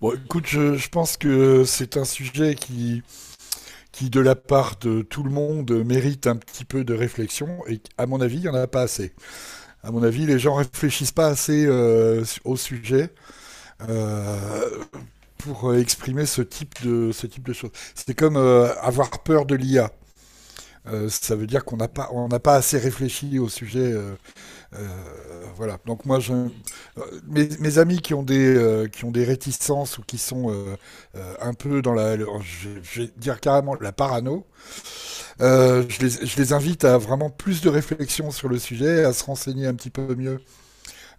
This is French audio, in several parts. Bon, écoute, je pense que c'est un sujet qui, de la part de tout le monde, mérite un petit peu de réflexion. Et à mon avis, il n'y en a pas assez. À mon avis, les gens réfléchissent pas assez au sujet euh, pour exprimer ce type de choses. C'est comme avoir peur de l'IA. Ça veut dire qu'on n'a pas, on n'a pas assez réfléchi au sujet voilà. Donc moi, mes amis qui ont des réticences ou qui sont un peu dans je vais dire carrément la parano, je les invite à vraiment plus de réflexion sur le sujet, à se renseigner un petit peu mieux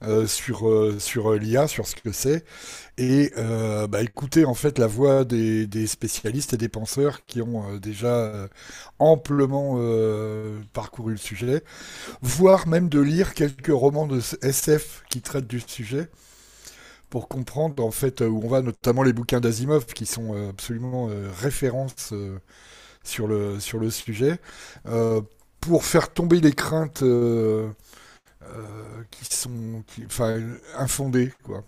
sur sur l'IA, sur ce que c'est, et bah, écouter en fait la voix des spécialistes et des penseurs qui ont déjà amplement parcouru le sujet, voire même de lire quelques romans de SF qui traitent du sujet pour comprendre en fait où on va, notamment les bouquins d'Asimov qui sont absolument références sur le sujet. Euh, pour faire tomber les craintes enfin, infondées. Quoi.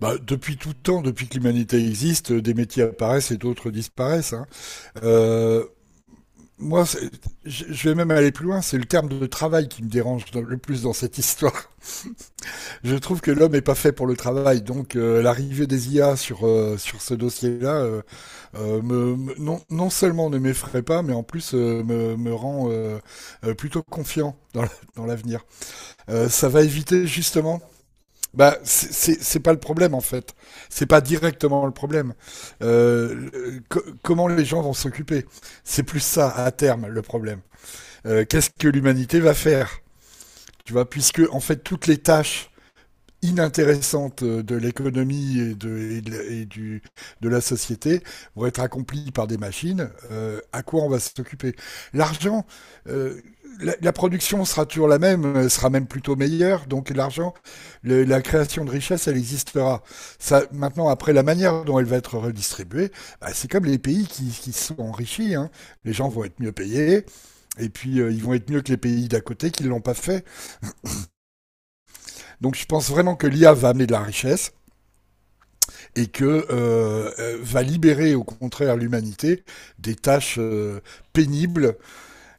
Bah, depuis tout temps, depuis que l'humanité existe, des métiers apparaissent et d'autres disparaissent. Hein. Euh, moi, je vais même aller plus loin, c'est le terme de travail qui me dérange le plus dans cette histoire. Je trouve que l'homme n'est pas fait pour le travail, donc l'arrivée des IA sur ce dossier-là, non, non seulement ne m'effraie pas, mais en plus me rend plutôt confiant dans l'avenir. Ça va éviter justement. Bah, c'est pas le problème en fait. C'est pas directement le problème. Comment les gens vont s'occuper? C'est plus ça à terme le problème. Qu'est-ce que l'humanité va faire? Tu vois, puisque en fait toutes les tâches inintéressante de l'économie de la société vont être accomplies par des machines. À quoi on va s'occuper? L'argent, euh, la production sera toujours la même, sera même plutôt meilleure, donc la création de richesse, elle existera. Ça, maintenant, après la manière dont elle va être redistribuée, bah, c'est comme les pays qui sont enrichis. Hein. Les gens vont être mieux payés, et puis ils vont être mieux que les pays d'à côté qui ne l'ont pas fait. Donc je pense vraiment que l'IA va amener de la richesse, et que va libérer au contraire l'humanité des tâches pénibles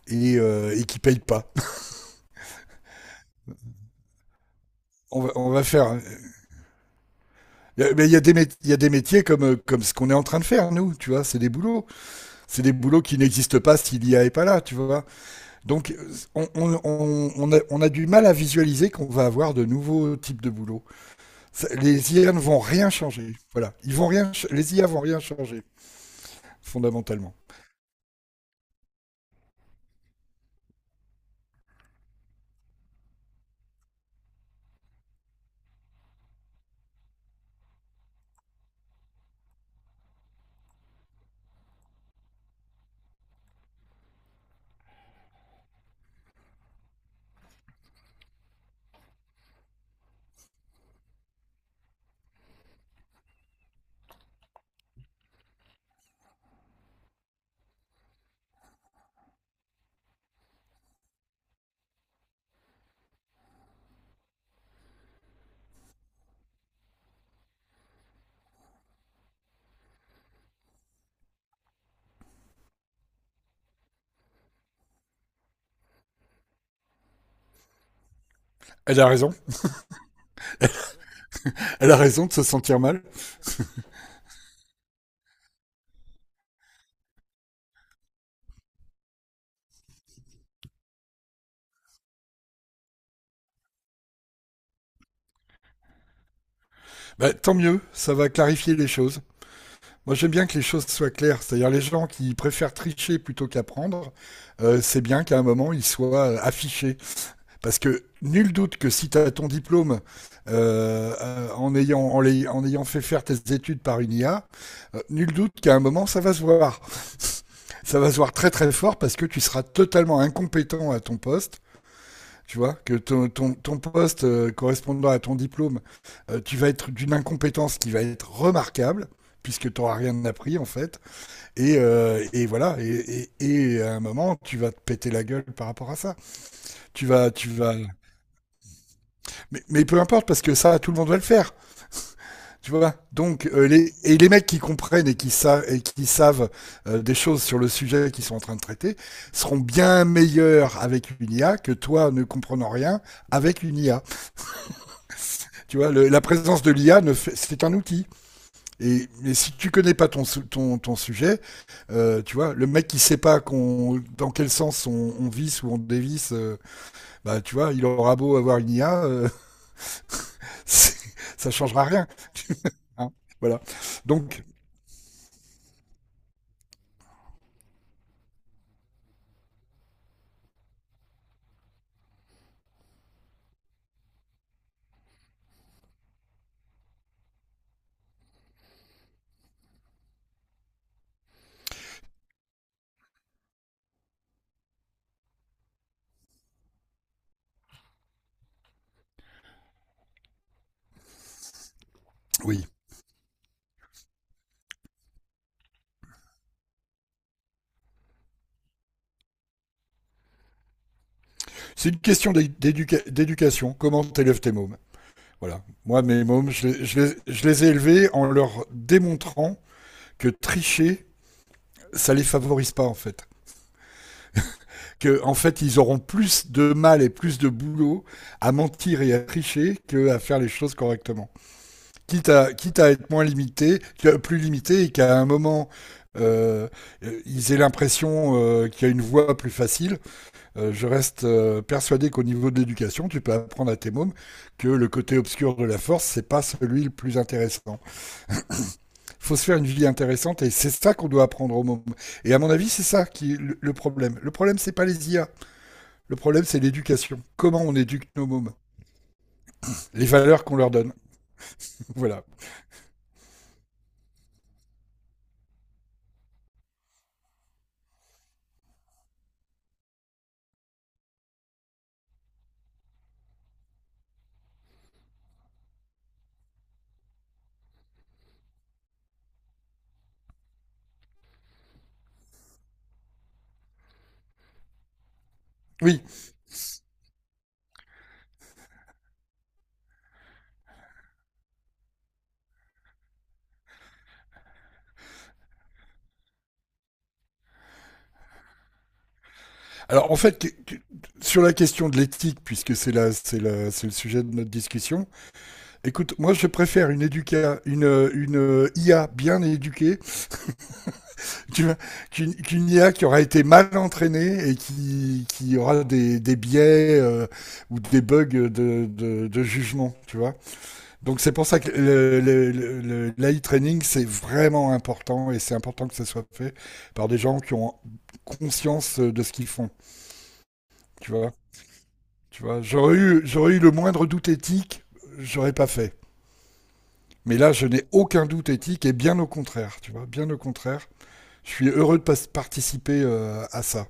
et qui payent pas. On va faire. Mais il y a des métiers comme comme ce qu'on est en train de faire nous, tu vois, c'est des boulots qui n'existent pas si l'IA est pas là, tu vois. Donc on a du mal à visualiser qu'on va avoir de nouveaux types de boulots. Ça- Les IA ne vont rien changer, voilà. Ils vont rien, ch- les IA vont rien changer fondamentalement. Elle a raison. Elle a raison de se sentir mal. Bah, tant mieux, ça va clarifier les choses. Moi, j'aime bien que les choses soient claires. C'est-à-dire, les gens qui préfèrent tricher plutôt qu'apprendre, c'est bien qu'à un moment, ils soient affichés. Parce que nul doute que si tu as ton diplôme en ayant fait faire tes études par une IA, nul doute qu'à un moment, ça va se voir. Ça va se voir très très fort parce que tu seras totalement incompétent à ton poste, tu vois, que ton poste correspondant à ton diplôme, tu vas être d'une incompétence qui va être remarquable, puisque tu n'auras rien appris en fait. Et, et à un moment, tu vas te péter la gueule par rapport à ça. Tu vas, tu vas. Mais peu importe, parce que ça, tout le monde va le faire. Tu vois. Donc, et les mecs qui comprennent et qui savent des choses sur le sujet qu'ils sont en train de traiter seront bien meilleurs avec une IA que toi ne comprenant rien avec une IA. Tu vois, la présence de l'IA, ne fait- c'est un outil. Et, mais si tu connais pas ton sujet, tu vois, le mec qui sait pas dans quel sens on visse ou on dévisse, bah, tu vois, il aura beau avoir une IA, c'est- ça changera rien. Hein. Voilà. Donc, oui, c'est une question d'éducation. Comment t'élèves tes mômes? Voilà. Moi, mes mômes, je les ai élevés en leur démontrant que tricher, ça les favorise pas, en fait. Que en fait ils auront plus de mal et plus de boulot à mentir et à tricher qu'à faire les choses correctement. Quitte à être moins limité, plus limité et qu'à un moment euh, ils aient l'impression qu'il y a une voie plus facile. Je reste persuadé qu'au niveau de l'éducation, tu peux apprendre à tes mômes que le côté obscur de la force, c'est pas celui le plus intéressant. Il faut se faire une vie intéressante et c'est ça qu'on doit apprendre aux mômes. Et à mon avis, c'est ça qui est le problème. Le problème, c'est pas les IA. Le problème, c'est l'éducation. Comment on éduque nos mômes? Les valeurs qu'on leur donne. Voilà. Oui. Alors, en fait, sur la question de l'éthique, puisque c'est là, c'est le sujet de notre discussion. Écoute, moi, je préfère une IA bien éduquée qu'une qu IA qui aura été mal entraînée et qui aura des biais ou des bugs de jugement, tu vois. Donc c'est pour ça que l'AI training, c'est vraiment important et c'est important que ça soit fait par des gens qui ont conscience de ce qu'ils font. Tu vois, tu vois j'aurais, j'aurais eu le moindre doute éthique, j'aurais pas fait. Mais là, je n'ai aucun doute éthique et bien au contraire, tu vois, bien au contraire. Je suis heureux de participer à ça.